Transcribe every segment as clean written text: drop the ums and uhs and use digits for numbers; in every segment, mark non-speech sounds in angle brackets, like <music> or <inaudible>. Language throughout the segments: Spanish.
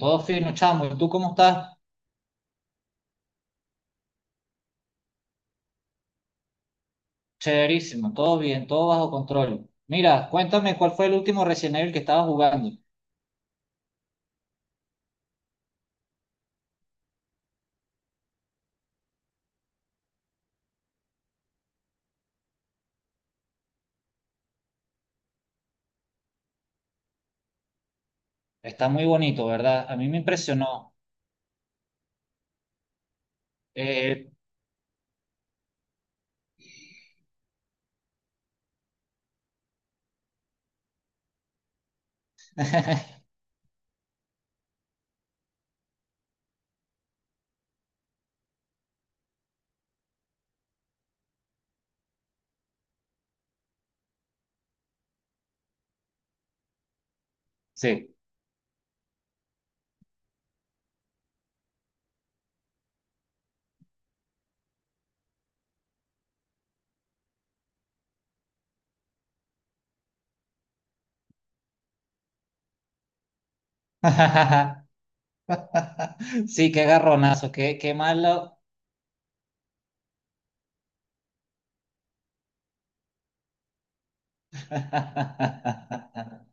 Todo fino, chamo. ¿Y tú cómo estás? Chéverísimo, todo bien, todo bajo control. Mira, cuéntame cuál fue el último Resident Evil que estabas jugando. Está muy bonito, ¿verdad? A mí me impresionó. Eh, sí. <laughs> Sí, qué garronazo, qué malo. <laughs>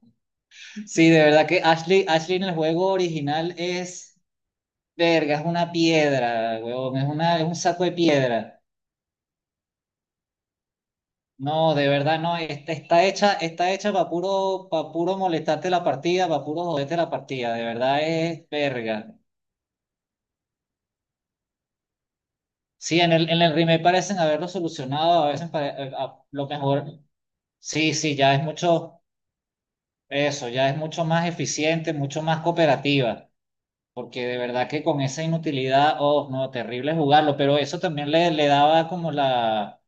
Sí, de verdad que Ashley, Ashley en el juego original es, verga, es una piedra, huevón, es una, es un saco de piedra. No, de verdad no, está, está hecha para puro molestarte la partida, para puro joderte la partida, de verdad es verga. Sí, en el remake parecen haberlo solucionado, a veces lo mejor, sí, sí, ya es mucho, eso, ya es mucho más eficiente, mucho más cooperativa, porque de verdad que con esa inutilidad, oh, no, terrible jugarlo, pero eso también le daba como la.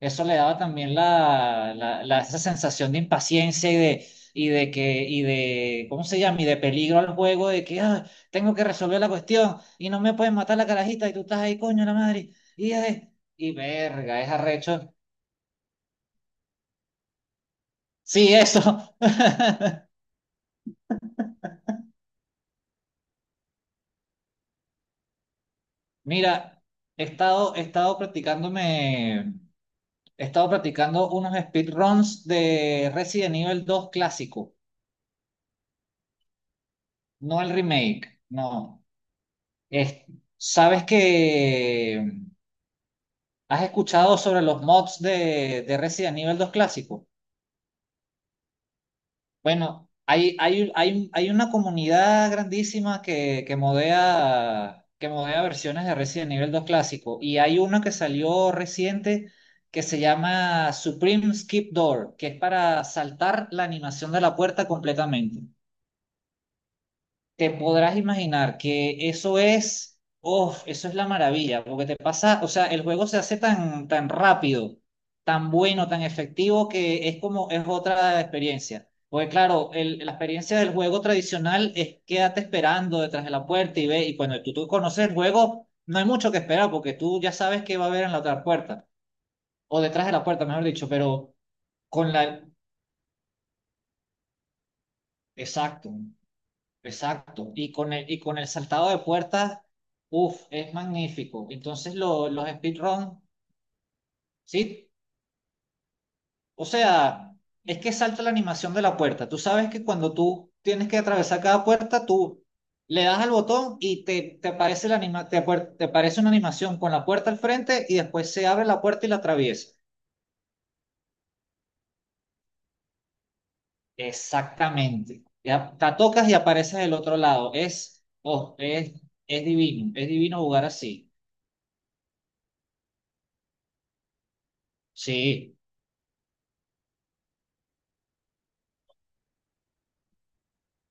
Eso le daba también la esa sensación de impaciencia y de que, y de, ¿cómo se llama? Y de peligro al juego, de que "Ah, tengo que resolver la cuestión y no me pueden matar la carajita y tú estás ahí, coño, la madre. Y y verga, es arrecho. Sí, eso. <laughs> Mira, he estado practicándome, he estado practicando unos speedruns de Resident Evil dos clásico, no el remake, no. Es- Sabes que. ¿Has escuchado sobre los mods de Resident Evil 2 clásico? Bueno, hay una comunidad grandísima que modea versiones de Resident Evil 2 clásico y hay una que salió reciente que se llama Supreme Skip Door, que es para saltar la animación de la puerta completamente. Te podrás imaginar que eso es, oh, eso es la maravilla, porque te pasa, o sea, el juego se hace tan rápido, tan bueno, tan efectivo, que es como, es otra experiencia. Porque claro, la experiencia del juego tradicional es quédate esperando detrás de la puerta y ve, y cuando tú conoces el juego, no hay mucho que esperar, porque tú ya sabes qué va a haber en la otra puerta, o detrás de la puerta, mejor dicho, pero con la, exacto, exacto, y con el saltado de puertas, uff, es magnífico. Entonces los speedrun, ¿sí? O sea, es que salta la animación de la puerta. Tú sabes que cuando tú tienes que atravesar cada puerta, tú le das al botón y te aparece la anima- te, apar- te aparece una animación con la puerta al frente y después se abre la puerta y la atraviesa. Exactamente. Ya, la tocas y apareces del otro lado. Es divino, es divino jugar así. Sí.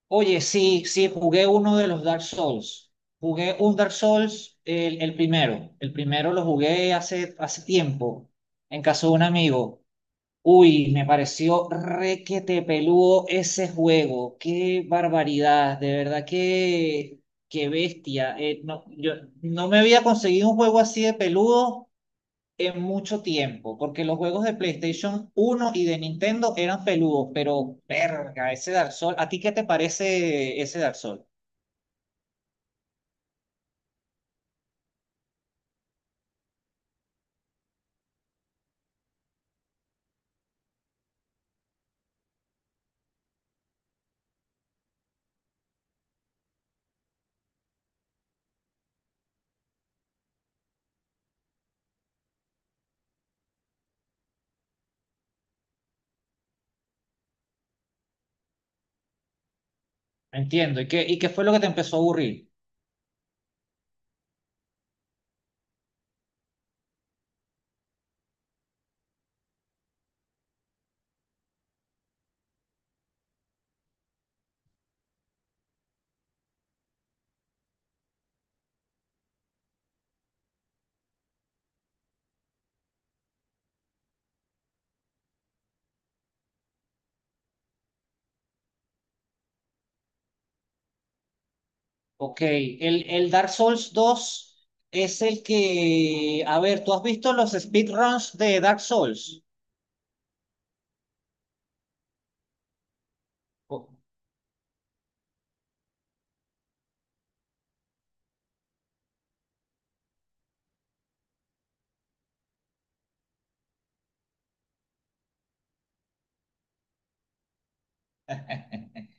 Oye, sí, sí, jugué uno de los Dark Souls. Jugué un Dark Souls, el primero. El primero lo jugué hace tiempo, en casa de un amigo. Uy, me pareció requete peludo ese juego. Qué barbaridad, de verdad, qué bestia. No, yo no me había conseguido un juego así de peludo en mucho tiempo, porque los juegos de PlayStation uno y de Nintendo eran peludos, pero verga, ese Dark Souls, ¿a ti qué te parece ese Dark Souls? Entiendo, ¿y qué fue lo que te empezó a aburrir? Ok, el Dark Souls dos es el que, a ver, ¿tú has visto los speedruns de Dark Souls? Oh. <laughs>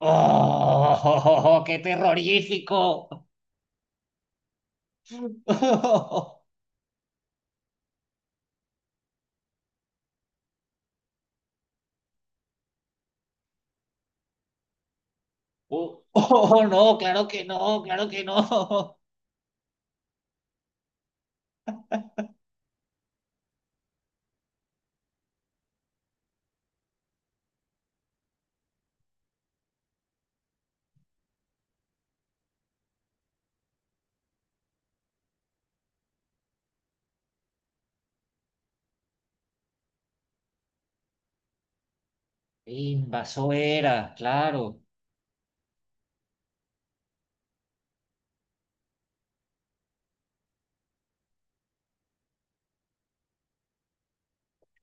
¡Oh, qué terrorífico! <laughs> Oh, oh, no, claro que no, claro que no. Invaso era, claro.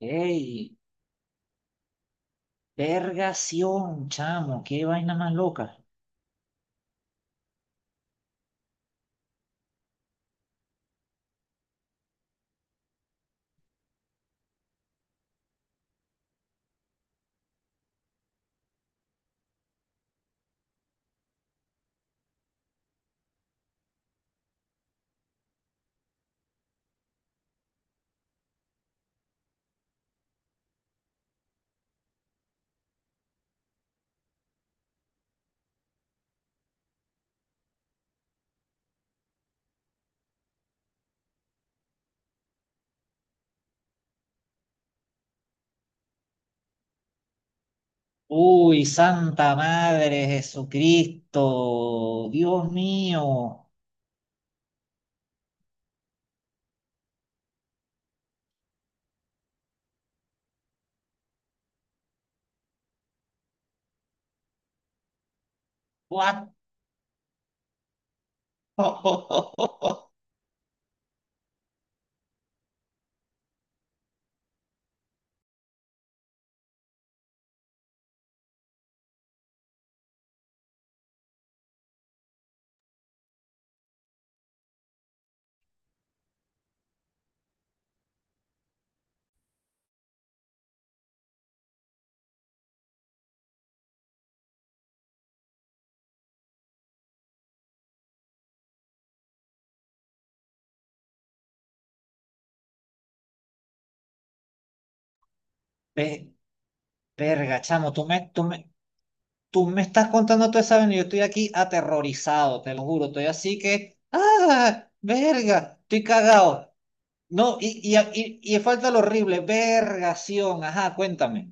¡Ey! Vergación, chamo, qué vaina más loca. Uy, Santa Madre Jesucristo, Dios mío. What? <laughs> Ve- Verga, chamo, tú me estás contando todo esa vaina y yo estoy aquí aterrorizado, te lo juro. Estoy así que, ah, verga, estoy cagado. No, y falta lo horrible, vergación, ajá, cuéntame.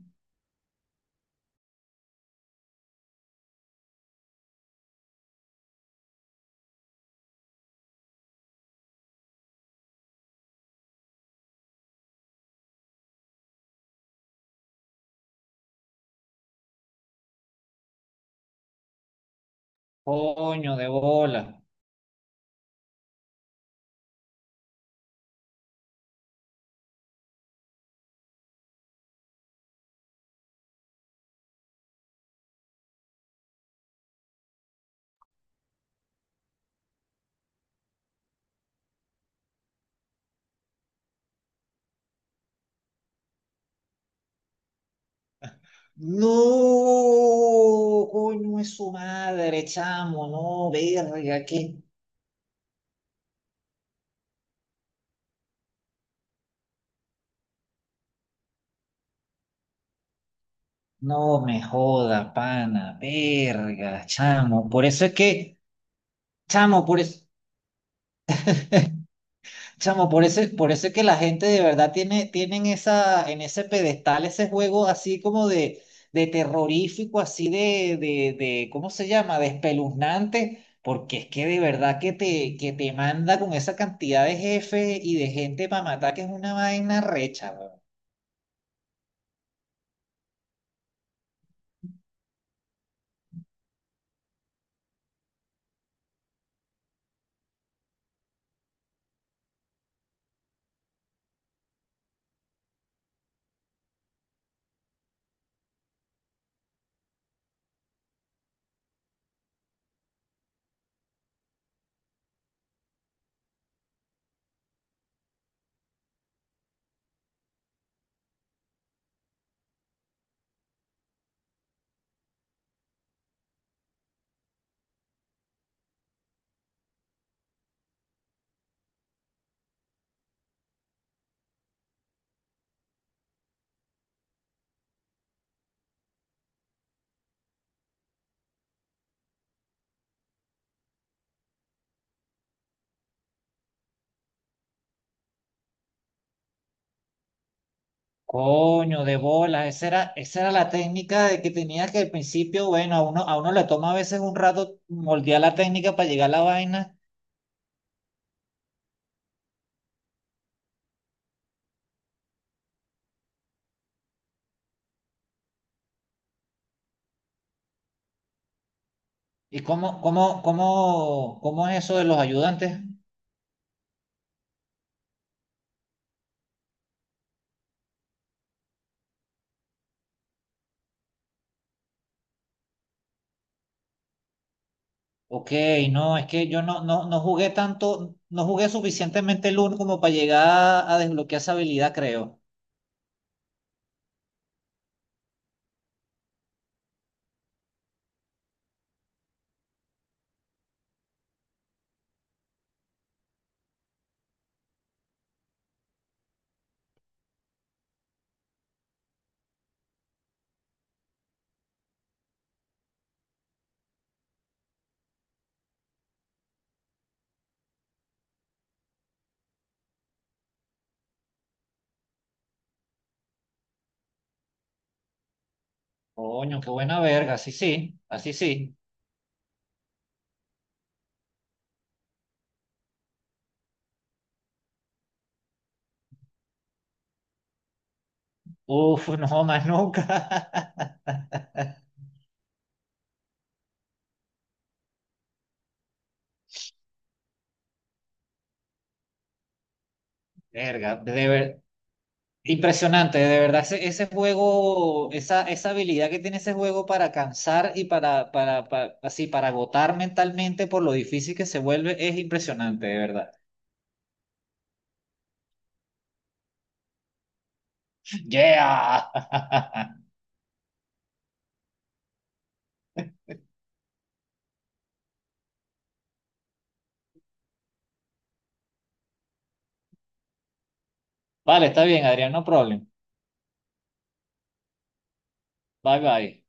Coño de bola. No, coño es su madre, chamo, no, verga, que no me joda, pana, verga, chamo. Por eso es que, chamo, por eso. Chamo, por eso es que la gente de verdad tiene, tienen esa, en ese pedestal ese juego así como de terrorífico, así de, ¿cómo se llama? De espeluznante, porque es que de verdad que te manda con esa cantidad de jefes y de gente para matar, que es una vaina recha, weón. Coño, de bolas, esa era la técnica de que tenía que al principio, bueno, a uno le toma a veces un rato moldear la técnica para llegar a la vaina. ¿Y cómo es eso de los ayudantes? Ok, no, es que yo no, no, no jugué tanto, no jugué suficientemente el uno como para llegar a desbloquear esa habilidad, creo. Coño, qué buena verga, así sí, así sí. Uf, <laughs> no, más nunca. <laughs> Verga, de ver- impresionante, de verdad, ese juego, esa habilidad que tiene ese juego para cansar y para, así, para agotar mentalmente por lo difícil que se vuelve, es impresionante, de verdad. Yeah. <laughs> Vale, está bien, Adrián, no problem. Bye bye.